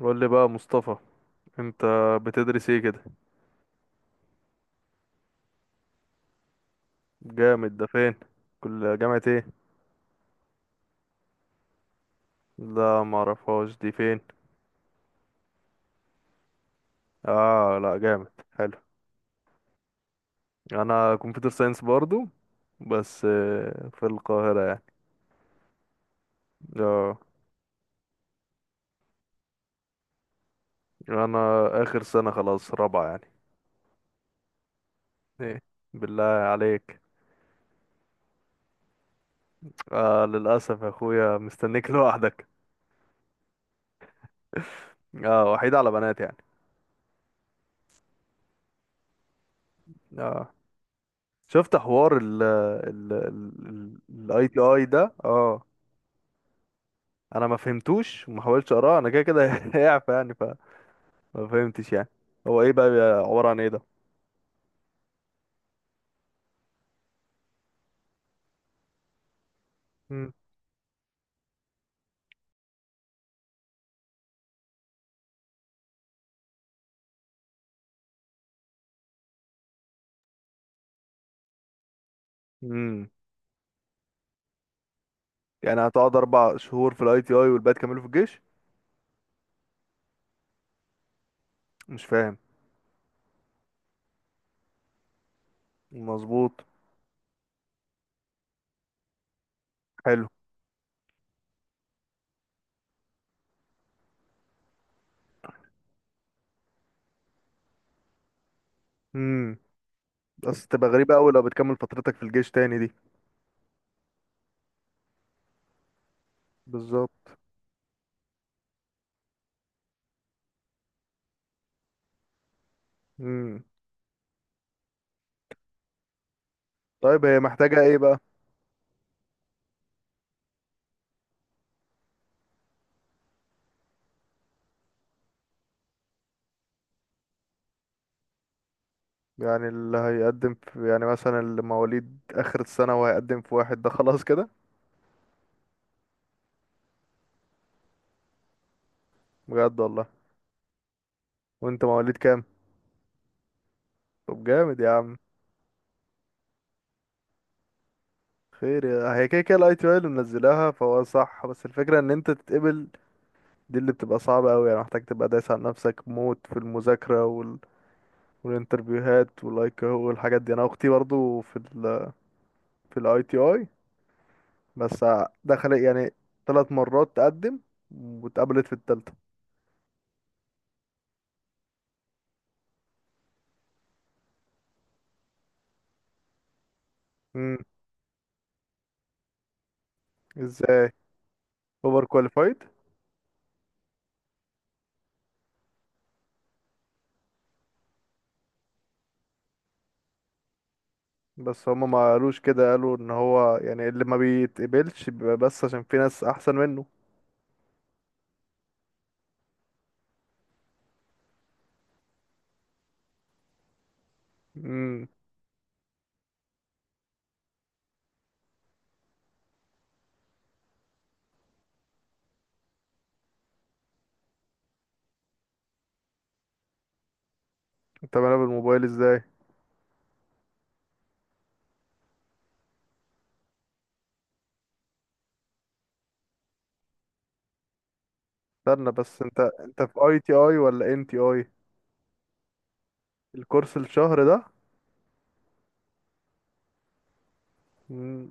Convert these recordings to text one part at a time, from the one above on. قول لي بقى مصطفى، انت بتدرس ايه كده؟ جامد، ده فين؟ كل جامعة ايه؟ لا، ما اعرفهاش، دي فين؟ اه لا، جامد، حلو. انا كمبيوتر ساينس برضو، بس في القاهرة يعني. اه، انا اخر سنة، خلاص رابعة يعني. ايه؟ بالله عليك. للاسف يا اخويا مستنيك لوحدك. اه، وحيد على بنات يعني. اه، شفت حوار ال ال ال الاي تي اي ده؟ اه، انا ما فهمتوش وما حاولتش اقراه، انا كده كده هيعفى يعني، فما فهمتش يعني. هو ايه بقى، عباره عن ايه ده؟ امم امم يعني هتقعد 4 شهور في الاي تي اي والباقي تكمله في الجيش؟ مش فاهم. مظبوط. حلو. امم بس تبقى غريبه قوي لو بتكمل فترتك في الجيش تاني دي. بالظبط. امم طيب هي محتاجه ايه بقى؟ يعني اللي هيقدم في، يعني مثلا اللي مواليد اخر السنه وهيقدم في واحد، ده خلاص كده؟ بجد والله؟ وانت مواليد كام؟ طب جامد يا عم. هي كده كده الاي تي اي اللي منزلاها فهو صح، بس الفكره ان انت تتقبل، دي اللي بتبقى صعبه قوي يعني. محتاج تبقى دايس على نفسك موت في المذاكره والانترفيوهات واللايك والحاجات دي. انا اختي برضو في في الاي تي اي، بس دخلت يعني 3 مرات تقدم واتقبلت في الثالثه. امم ازاي؟ اوفر كواليفايد؟ بس هما ما قالوش كده، قالوا ان هو يعني اللي ما بيتقبلش بيبقى بس عشان في ناس احسن منه. امم انت بقى بالموبايل ازاي؟ استنى بس، انت في اي تي اي ولا ان تي اي؟ الكورس الشهر ده؟ مم،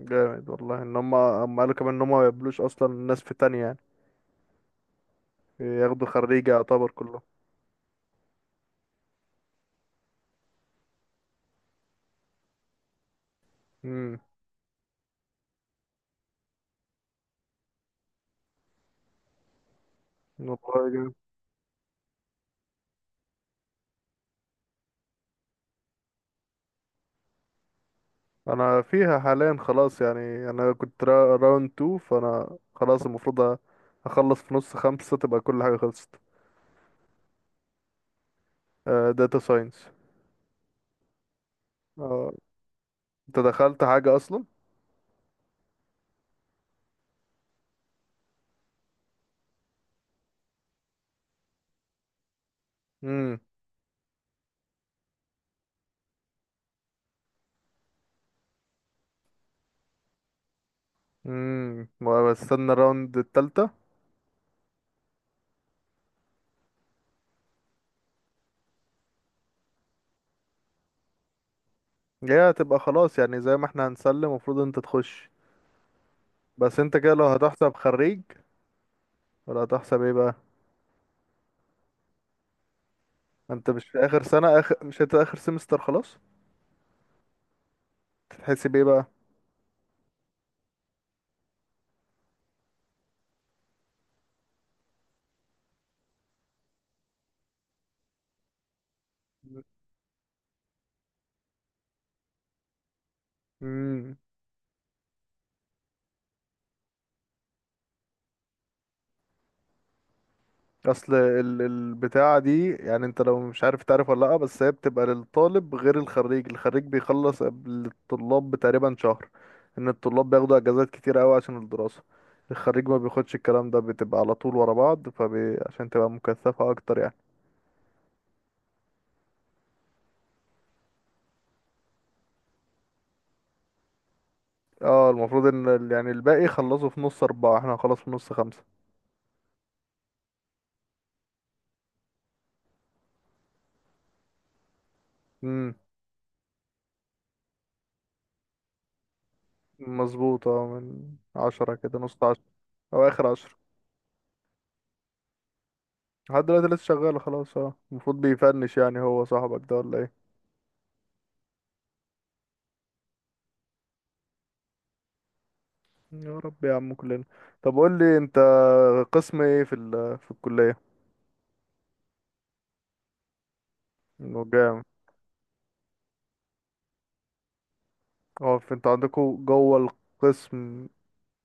جامد والله. ان هم قالوا كمان ان هم ما يقبلوش اصلا الناس في تانية يعني، ياخدوا خريجة يعتبر كلهم. امم والله جامد. انا فيها حاليا خلاص يعني، انا كنت راوند 2، فانا خلاص المفروض اخلص في 5:30، تبقى كل حاجة خلصت. داتا ساينس. اه، انت دخلت حاجة اصلا؟ امم امم بستنى الراوند التالتة. هي هتبقى خلاص يعني زي ما احنا هنسلم، المفروض انت تخش. بس انت كده لو هتحسب خريج ولا هتحسب ايه بقى؟ انت مش في اخر سنة، اخر، مش انت اخر سمستر خلاص؟ تتحسب ايه بقى؟ امم اصل البتاعة دي، يعني انت لو مش عارف تعرف ولا لا، بس هي بتبقى للطالب غير الخريج. الخريج بيخلص قبل الطلاب بتقريبا شهر، ان الطلاب بياخدوا اجازات كتير قوي عشان الدراسة، الخريج ما بياخدش الكلام ده، بتبقى على طول ورا بعض، عشان تبقى مكثفة اكتر يعني. اه المفروض ان يعني الباقي خلصوا في 4:30، احنا هنخلص في 5:30. امم مظبوط، اه، من 10 كده، نص 10 أو آخر 10. لحد دلوقتي لسه شغال خلاص. اه المفروض بيفنش يعني. هو صاحبك ده ولا ايه؟ يا رب يا عم، كلنا. طب قول لي انت، قسم ايه في في الكلية؟ انه جامد. اه، انت عندكوا جوه القسم،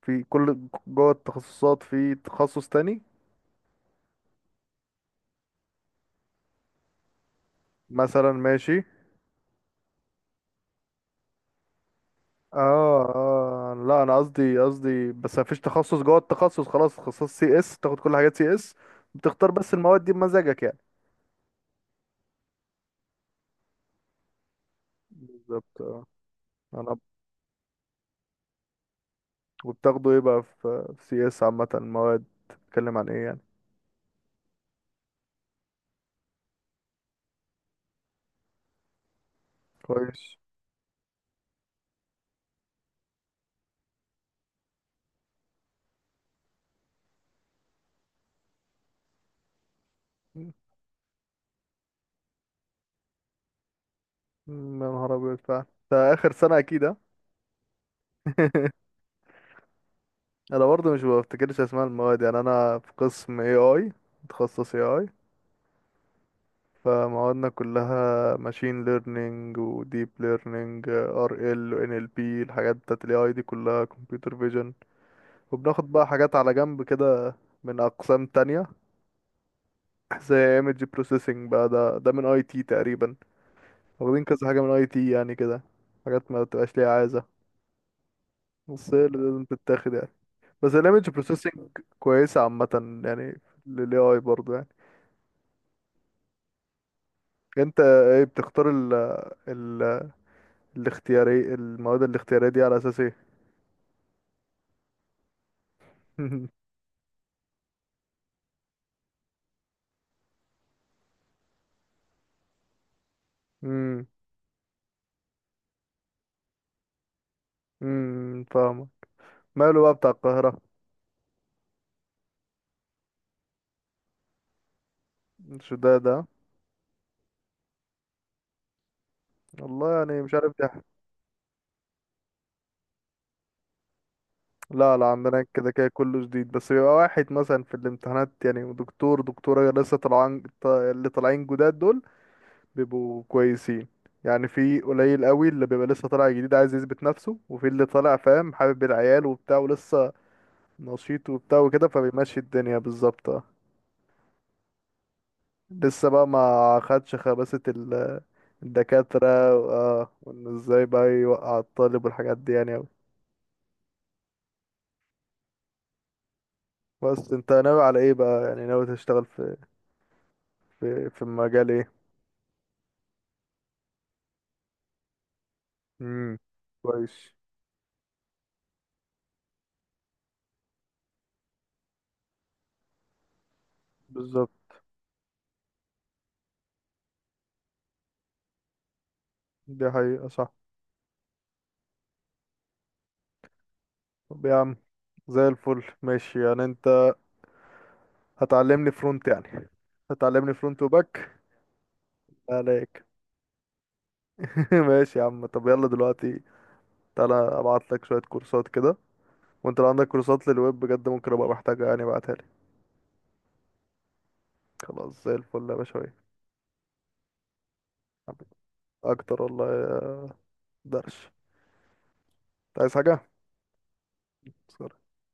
في كل جوه التخصصات، في تخصص تاني؟ مثلا ماشي. اه اه، لا انا قصدي بس، مفيش تخصص جوه التخصص، خلاص تخصص سي اس تاخد كل حاجات سي اس، بتختار بس المواد دي بمزاجك يعني. بالظبط. آه. انا وبتاخده ايه بقى في في سي اس عامة؟ المواد بتتكلم عن ايه يعني؟ كويس. مم. يا نهار ابيض فعلا. ده اخر سنة اكيد، ها؟ انا برضه مش بفتكرش اسماء المواد يعني. انا في قسم اي اي، متخصص اي اي، فموادنا كلها ماشين ليرنينج وديب ليرنينج ار ال وان ال بي، الحاجات بتاعت الاي اي دي كلها، كمبيوتر فيجن. وبناخد بقى حاجات على جنب كده من اقسام تانية، زي ايمج بروسيسنج بقى، ده من اي تي تقريبا، واخدين كذا حاجة من اي تي يعني كده، حاجات ما بتبقاش ليها عايزة، بس هي اللي لازم تتاخد يعني. بس الايمج بروسيسنج كويسة عامة يعني، للاي اي برضه يعني. انت ايه بتختار ال ال الاختياري، المواد الاختيارية دي على اساس ايه؟ امم فاهمة. ماله بقى بتاع القاهرة؟ مش ده والله يعني، مش عارف ده. لا لا، عندنا كده كده كله جديد، بس بيبقى واحد مثلا في الامتحانات يعني. ودكتور دكتورة لسه طالعين، اللي طالعين جداد دول بيبقوا كويسين يعني. في قليل قوي اللي بيبقى لسه طالع جديد عايز يثبت نفسه، وفي اللي طالع فاهم حابب العيال وبتاع ولسه نشيط وبتاع وكده، فبيمشي الدنيا بالظبط. لسه بقى ما خدش خباثة الدكاترة، اه، وان ازاي بقى يوقع الطالب والحاجات دي يعني اوي. بس انت ناوي على ايه بقى؟ يعني ناوي تشتغل في في مجال ايه؟ امم كويس. بالظبط. دي حقيقة صح. طب يا عم زي الفل، ماشي يعني. انت هتعلمني فرونت يعني، هتعلمني فرونت وباك. عليك. ماشي يا عم، طب يلا دلوقتي تعالى ابعت لك شوية كورسات كده، وانت لو عندك كورسات للويب بجد ممكن ابقى محتاجها يعني، ابعتها لي. خلاص، زي الفل يا باشا. اكتر والله يا درش. أنت عايز حاجة؟